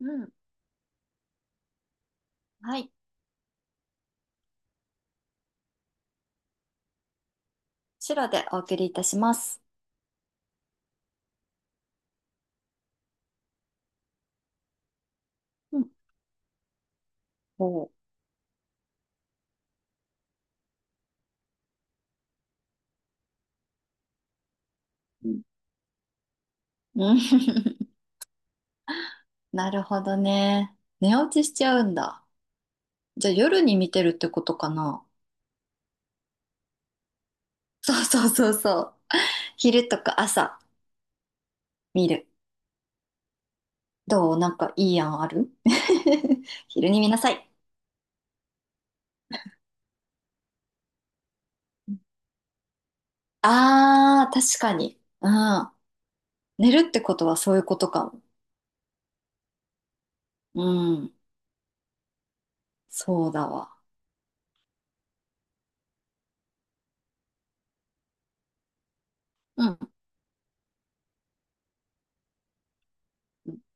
うん。はい。白でお送りいたします。うん。おう。うん。うん なるほどね。寝落ちしちゃうんだ。じゃあ夜に見てるってことかな。そうそうそうそう。昼とか朝見る。どうなんかいい案ある？ 昼に見なさい。あー、確かに。うん。寝るってことはそういうことかも。うん。そうだわ。うん。めっ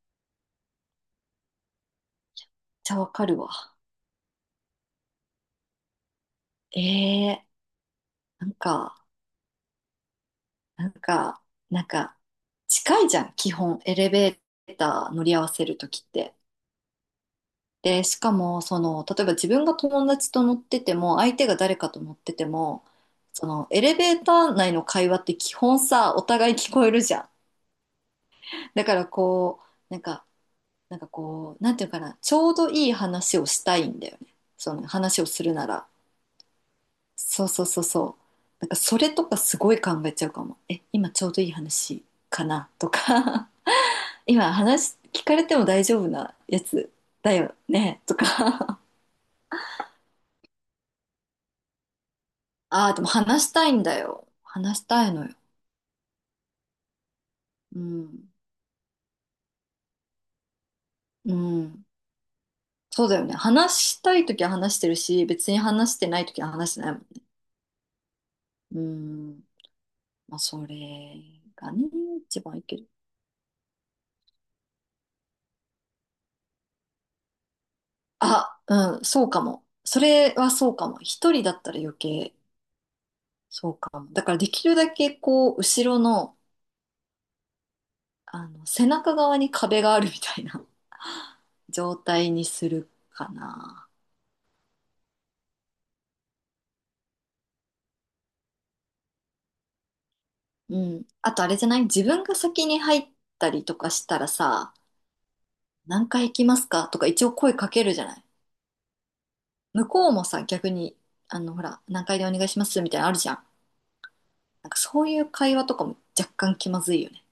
ちゃわかるわ。えー、なんか。なんか、なんか、近いじゃん、基本、エレベーター乗り合わせるときって。で、しかも、その、例えば自分が友達と乗ってても、相手が誰かと乗ってても、その、エレベーター内の会話って基本さ、お互い聞こえるじゃん。だからこう、なんていうのかな、ちょうどいい話をしたいんだよね。その、話をするなら。そうそうそうそう。なんか、それとかすごい考えちゃうかも。え、今ちょうどいい話かなとか。今話聞かれても大丈夫なやつだよねとか ああ、でも話したいんだよ。話したいのよ。うん。うん。そうだよね。話したいときは話してるし、別に話してないときは話してないもんね。うん。まあ、それがね、一番いいける。あ、うん、そうかも。それはそうかも。一人だったら余計、そうかも。だからできるだけこう、後ろの、あの、背中側に壁があるみたいな状態にするかな。うん。あとあれじゃない？自分が先に入ったりとかしたらさ、何回行きますかとか一応声かけるじゃない？向こうもさ、逆に、あの、ほら、何回でお願いしますみたいなのあるじゃん。なんかそういう会話とかも若干気まずいよね。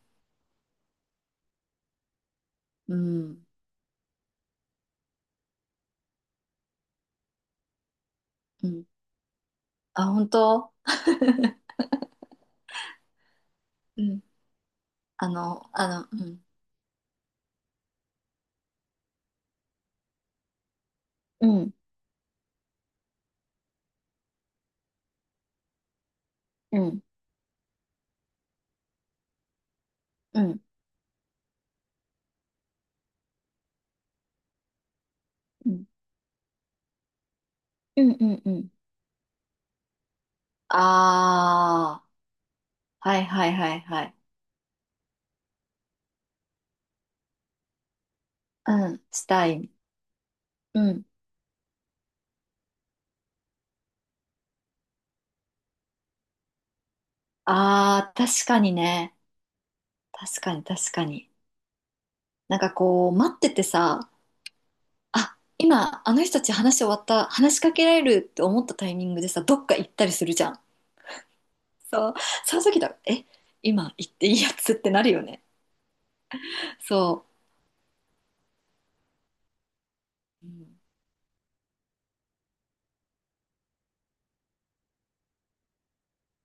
うん。うん。あ、本当？うん。うん。うん。うん。うん。うん。うん。うん。うんああ、はいはいはいはい。うん。したい。うん。ああ、確かにね。確かに確かに。なんかこう、待っててさ、あ、今、あの人たち話終わった、話しかけられるって思ったタイミングでさ、どっか行ったりするじゃん。そう、その時だ、え、今行っていいやつってなるよね。そう。う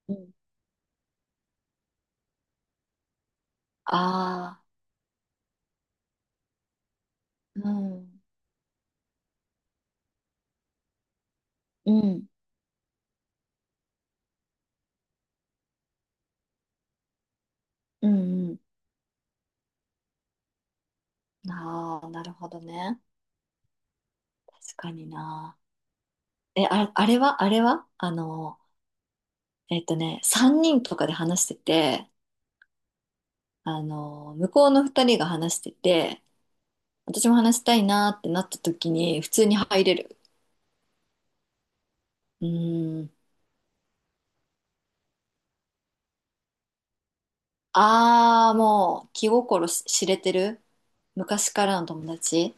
ん。ああー、うん、うん、うん、うん。ああ、なるほどね。確かにな。え、あ、あれは、あれは、あの、えっとね、3人とかで話してて、あの、向こうの2人が話してて、私も話したいなーってなった時に普通に入れる。うーん。ああ、もう気心し知れてる昔からの友達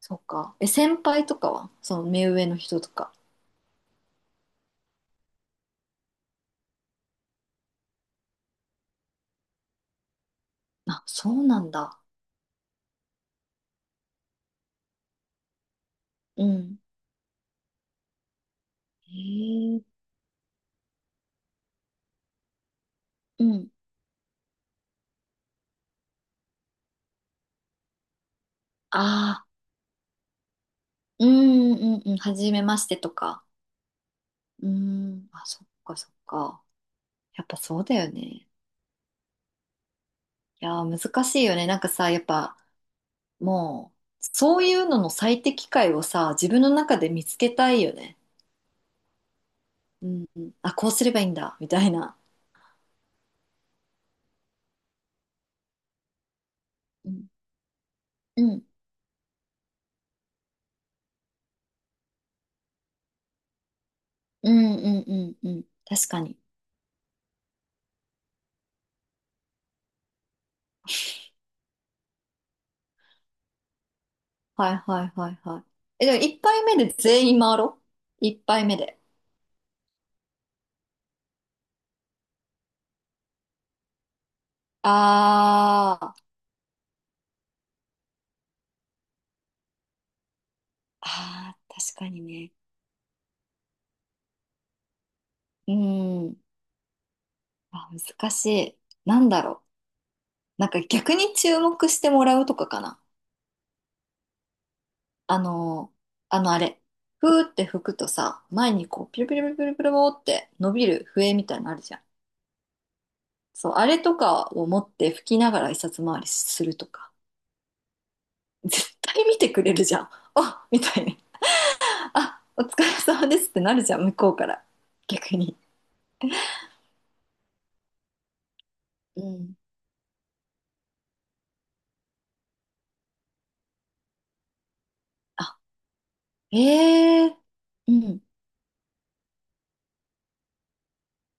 そうか。え、先輩とかはその目上の人とか。あ、そうなんだ。うん。へえ。うん。ああ、うんうんうん。はじめましてとか。うん。あ、そっかそっか。やっぱそうだよね。いやー、難しいよね。なんかさ、やっぱ、もう、そういうのの最適解をさ、自分の中で見つけたいよね。うん、うん。あ、こうすればいいんだ、みたいな。うん、うん、うん、うん、うん。うん確かに。はい、はい、はい、はい。え、でも一杯目で全員回ろう。1杯目で。あー、あー、確かにね。うん。あ、難しい。なんだろう。なんか逆に注目してもらうとかかな。あの、あの、ふーって吹くとさ、前にこう、ピルピルピルピルピルピルって伸びる笛みたいなのあるじゃん。そう、あれとかを持って吹きながら一冊回りするとか、絶対見てくれるじゃん。あ、みたいに。あ、お疲れ様ですってなるじゃん、向こうから。逆に。うん。あ、ええうん、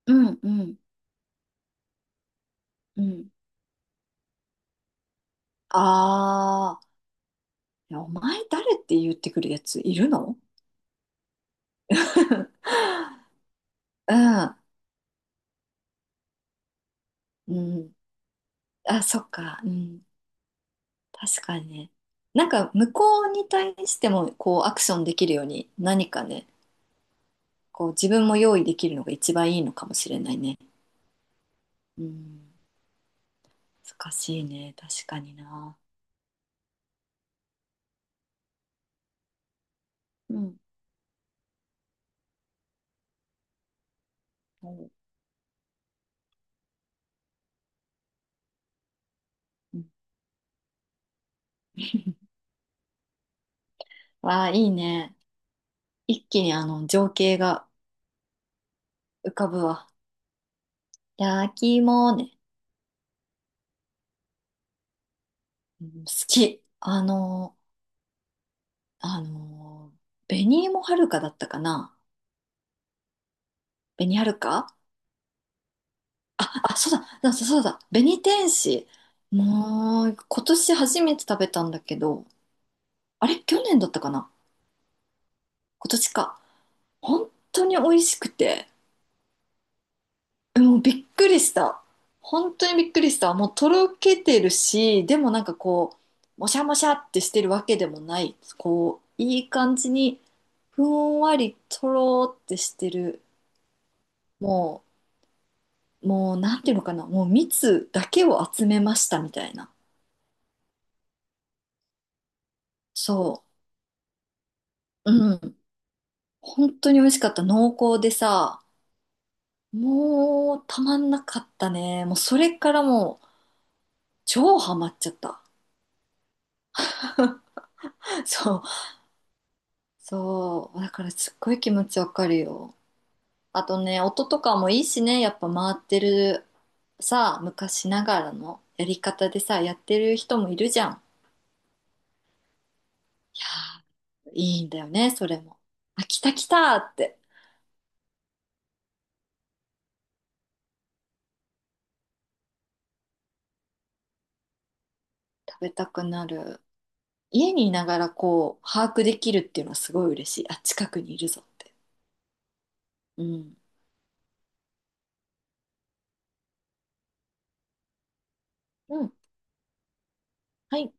うん、うん、うん。あー、いやお前誰って言ってくるやついるの？ うん。うん。あ、そっか。うん。確かにね。なんか向こうに対してもこうアクションできるように何かね、こう自分も用意できるのが一番いいのかもしれないね。うん。難しいね。確かにな。うん。うんうん わあ、いいね。一気にあの情景が浮かぶわ。焼き芋ね。うん、好き。あの、紅芋はるかだったかな。紅はるかあ、あそうだ、だそうだ、紅天使。もう、今年初めて食べたんだけど、あれ、去年だったかな？今年か。本当に美味しくて、もうびっくりした。本当にびっくりした。もうとろけてるし、でもなんかこう、もしゃもしゃってしてるわけでもない。こう、いい感じに、ふんわりとろーってしてる。ももう、なんていうのかな。もう蜜だけを集めましたみたいな。そう。うん。本当に美味しかった。濃厚でさ、もうたまんなかったね。もうそれからもう超ハマっちゃった。そう、そう。だからすっごい気持ちわかるよ。あとね、音とかもいいしね、やっぱ回ってるさ、昔ながらのやり方でさ、やってる人もいるじゃん。いいんだよね、それも。あ、来た来たって。食べたくなる。家にいながらこう、把握できるっていうのはすごい嬉しい。あ、近くにいるぞって。うん。うんはい